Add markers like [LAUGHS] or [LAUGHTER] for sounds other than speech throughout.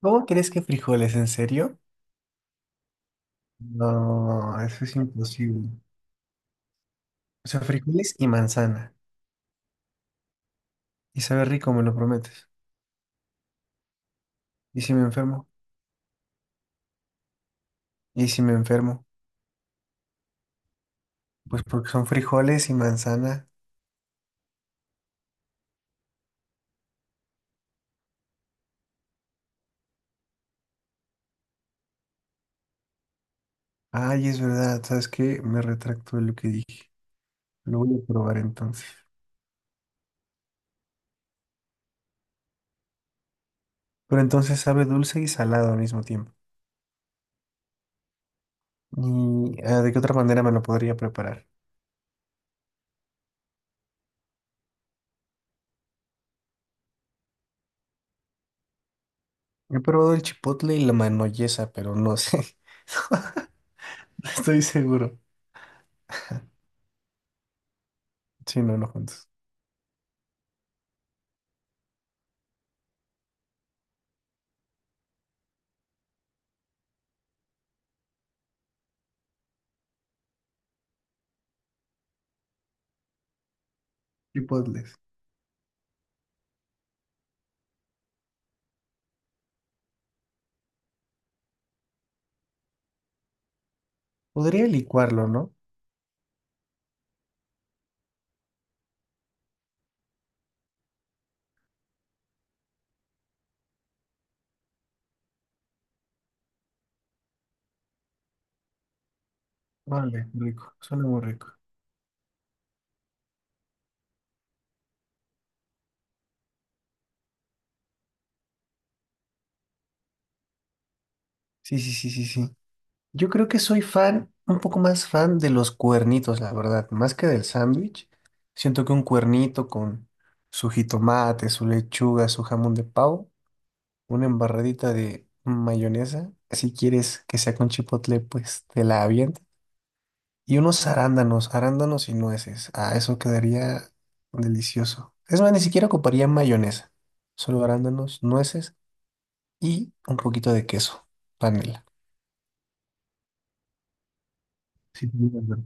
¿Cómo crees que frijoles? ¿En serio? No, eso es imposible. O sea, frijoles y manzana. Y sabe rico, me lo prometes. ¿Y si me enfermo? ¿Y si me enfermo? Pues porque son frijoles y manzana. Ay, es verdad, ¿sabes qué? Me retracto de lo que dije. Lo voy a probar entonces. Pero entonces sabe dulce y salado al mismo tiempo. ¿Y de qué otra manera me lo podría preparar? He probado el chipotle y la manoyesa, pero no sé. [LAUGHS] No estoy seguro. Sí, no, no juntos. Chipotles. Podría licuarlo, ¿no? Vale, rico, suena muy rico. Sí, sí, sí, sí, sí. Yo creo que soy fan, un poco más fan de los cuernitos, la verdad, más que del sándwich. Siento que un cuernito con su jitomate, su lechuga, su jamón de pavo, una embarradita de mayonesa, si quieres que sea con chipotle, pues te la avienta. Y unos arándanos, arándanos y nueces. Ah, eso quedaría delicioso. Es más, ni siquiera ocuparía mayonesa. Solo arándanos, nueces y un poquito de queso, panela. Sí, muy bueno.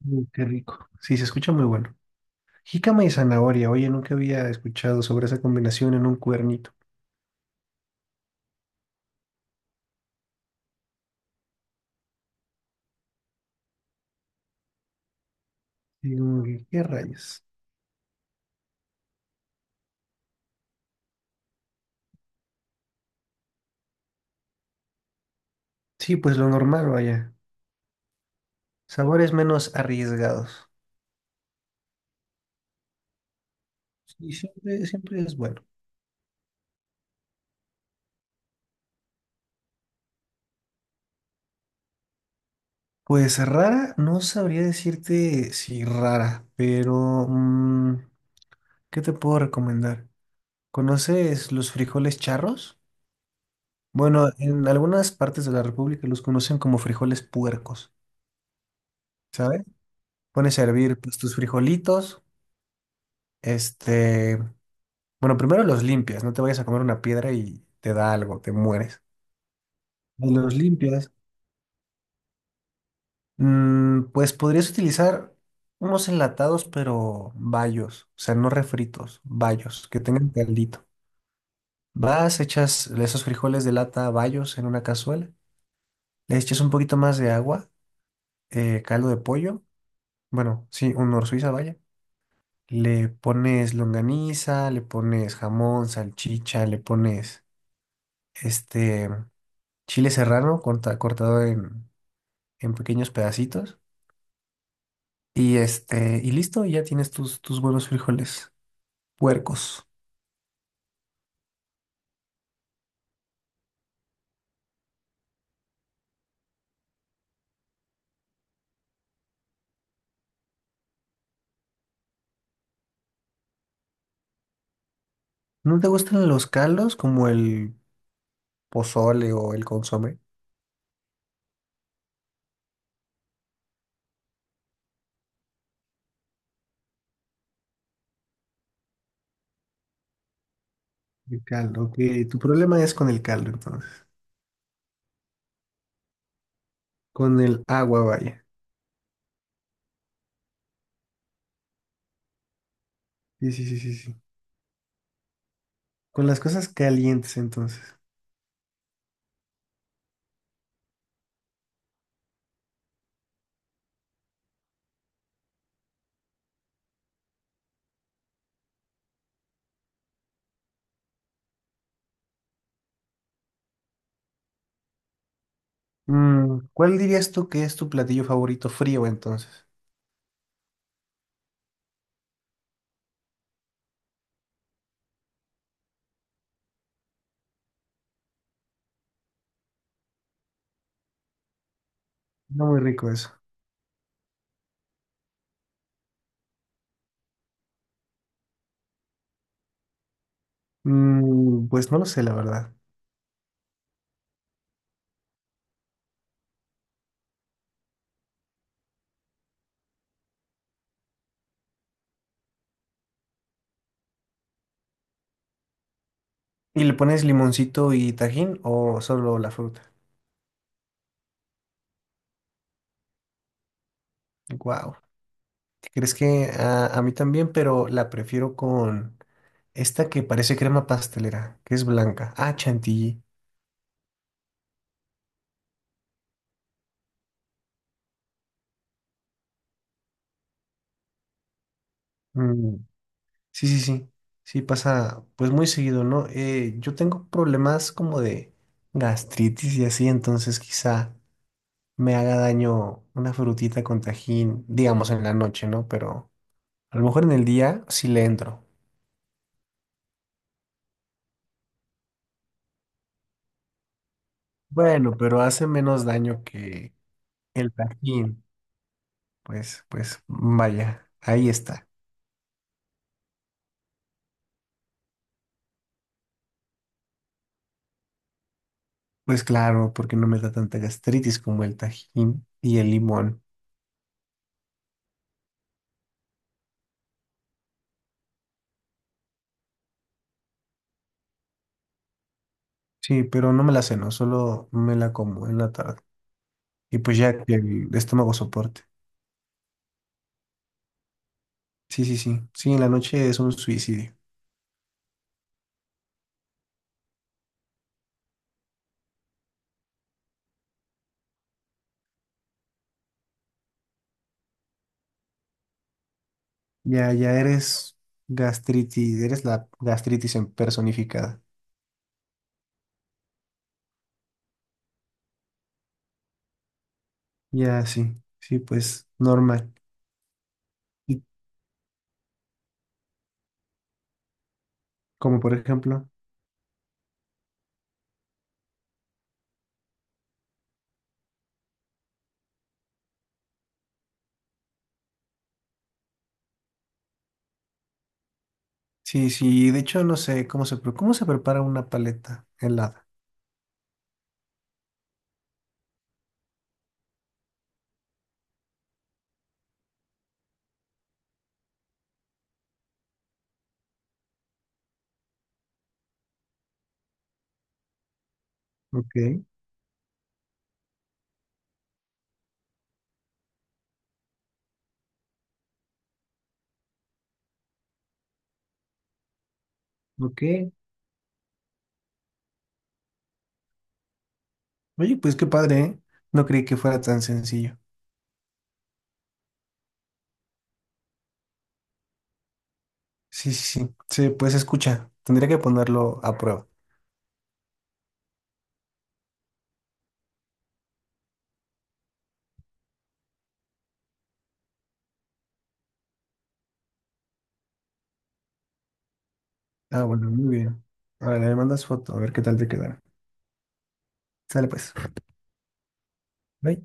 Mm, qué rico. Sí, se escucha muy bueno. Jícama y zanahoria. Oye, nunca había escuchado sobre esa combinación en un cuernito. Y como que, ¿qué rayos? Sí, pues lo normal, vaya. Sabores menos arriesgados. Y siempre, siempre es bueno. Pues rara, no sabría decirte si rara, pero ¿qué te puedo recomendar? ¿Conoces los frijoles charros? Bueno, en algunas partes de la República los conocen como frijoles puercos, ¿sabes? Pones a hervir pues, tus frijolitos, este, bueno, primero los limpias, no te vayas a comer una piedra y te da algo, te mueres. Y los limpias, pues podrías utilizar unos enlatados, pero bayos, o sea, no refritos, bayos, que tengan caldito. Vas, echas esos frijoles de lata bayos en una cazuela, le echas un poquito más de agua, caldo de pollo, bueno, sí, un nor Suiza, vaya. Le pones longaniza, le pones jamón, salchicha, le pones este chile serrano cortado en pequeños pedacitos. Y y listo, y ya tienes tus buenos frijoles puercos. ¿No te gustan los caldos como el pozole o el consomé? El caldo, ok. Tu problema es con el caldo, entonces. Con el agua, vaya. Sí, sí, sí, sí, sí. Con las cosas calientes, entonces. Mm, ¿cuál dirías tú que es tu platillo favorito frío, entonces? No, muy rico eso. Mm, pues no lo sé, la verdad. ¿Y le pones limoncito y tajín o solo la fruta? Wow. ¿Crees que a mí también, pero la prefiero con esta que parece crema pastelera, que es blanca? Ah, chantilly. Mm, sí, sí, sí. Sí, pasa pues muy seguido, ¿no? Yo tengo problemas como de gastritis y así, entonces quizá me haga daño una frutita con tajín, digamos en la noche, ¿no? Pero a lo mejor en el día sí le entro. Bueno, pero hace menos daño que el Tajín. Pues, pues, vaya, ahí está. Pues claro, porque no me da tanta gastritis como el Tajín y el limón. Sí, pero no me la ceno, solo me la como en la tarde. Y pues ya que el estómago soporte. Sí, sí, sí. Sí, en la noche es un suicidio. Ya, ya eres gastritis, eres la gastritis en personificada. Ya, sí, sí, pues normal. Y como por ejemplo. Sí, sí, de hecho no sé cómo cómo se prepara una paleta helada. Ok, ok. Oye, pues qué padre, ¿eh? No creí que fuera tan sencillo. Sí, sí, sí. Sí, pues escucha, tendría que ponerlo a prueba. Ah, bueno, muy bien. Ahora le mandas foto, a ver qué tal te quedará. Sale pues. Bye.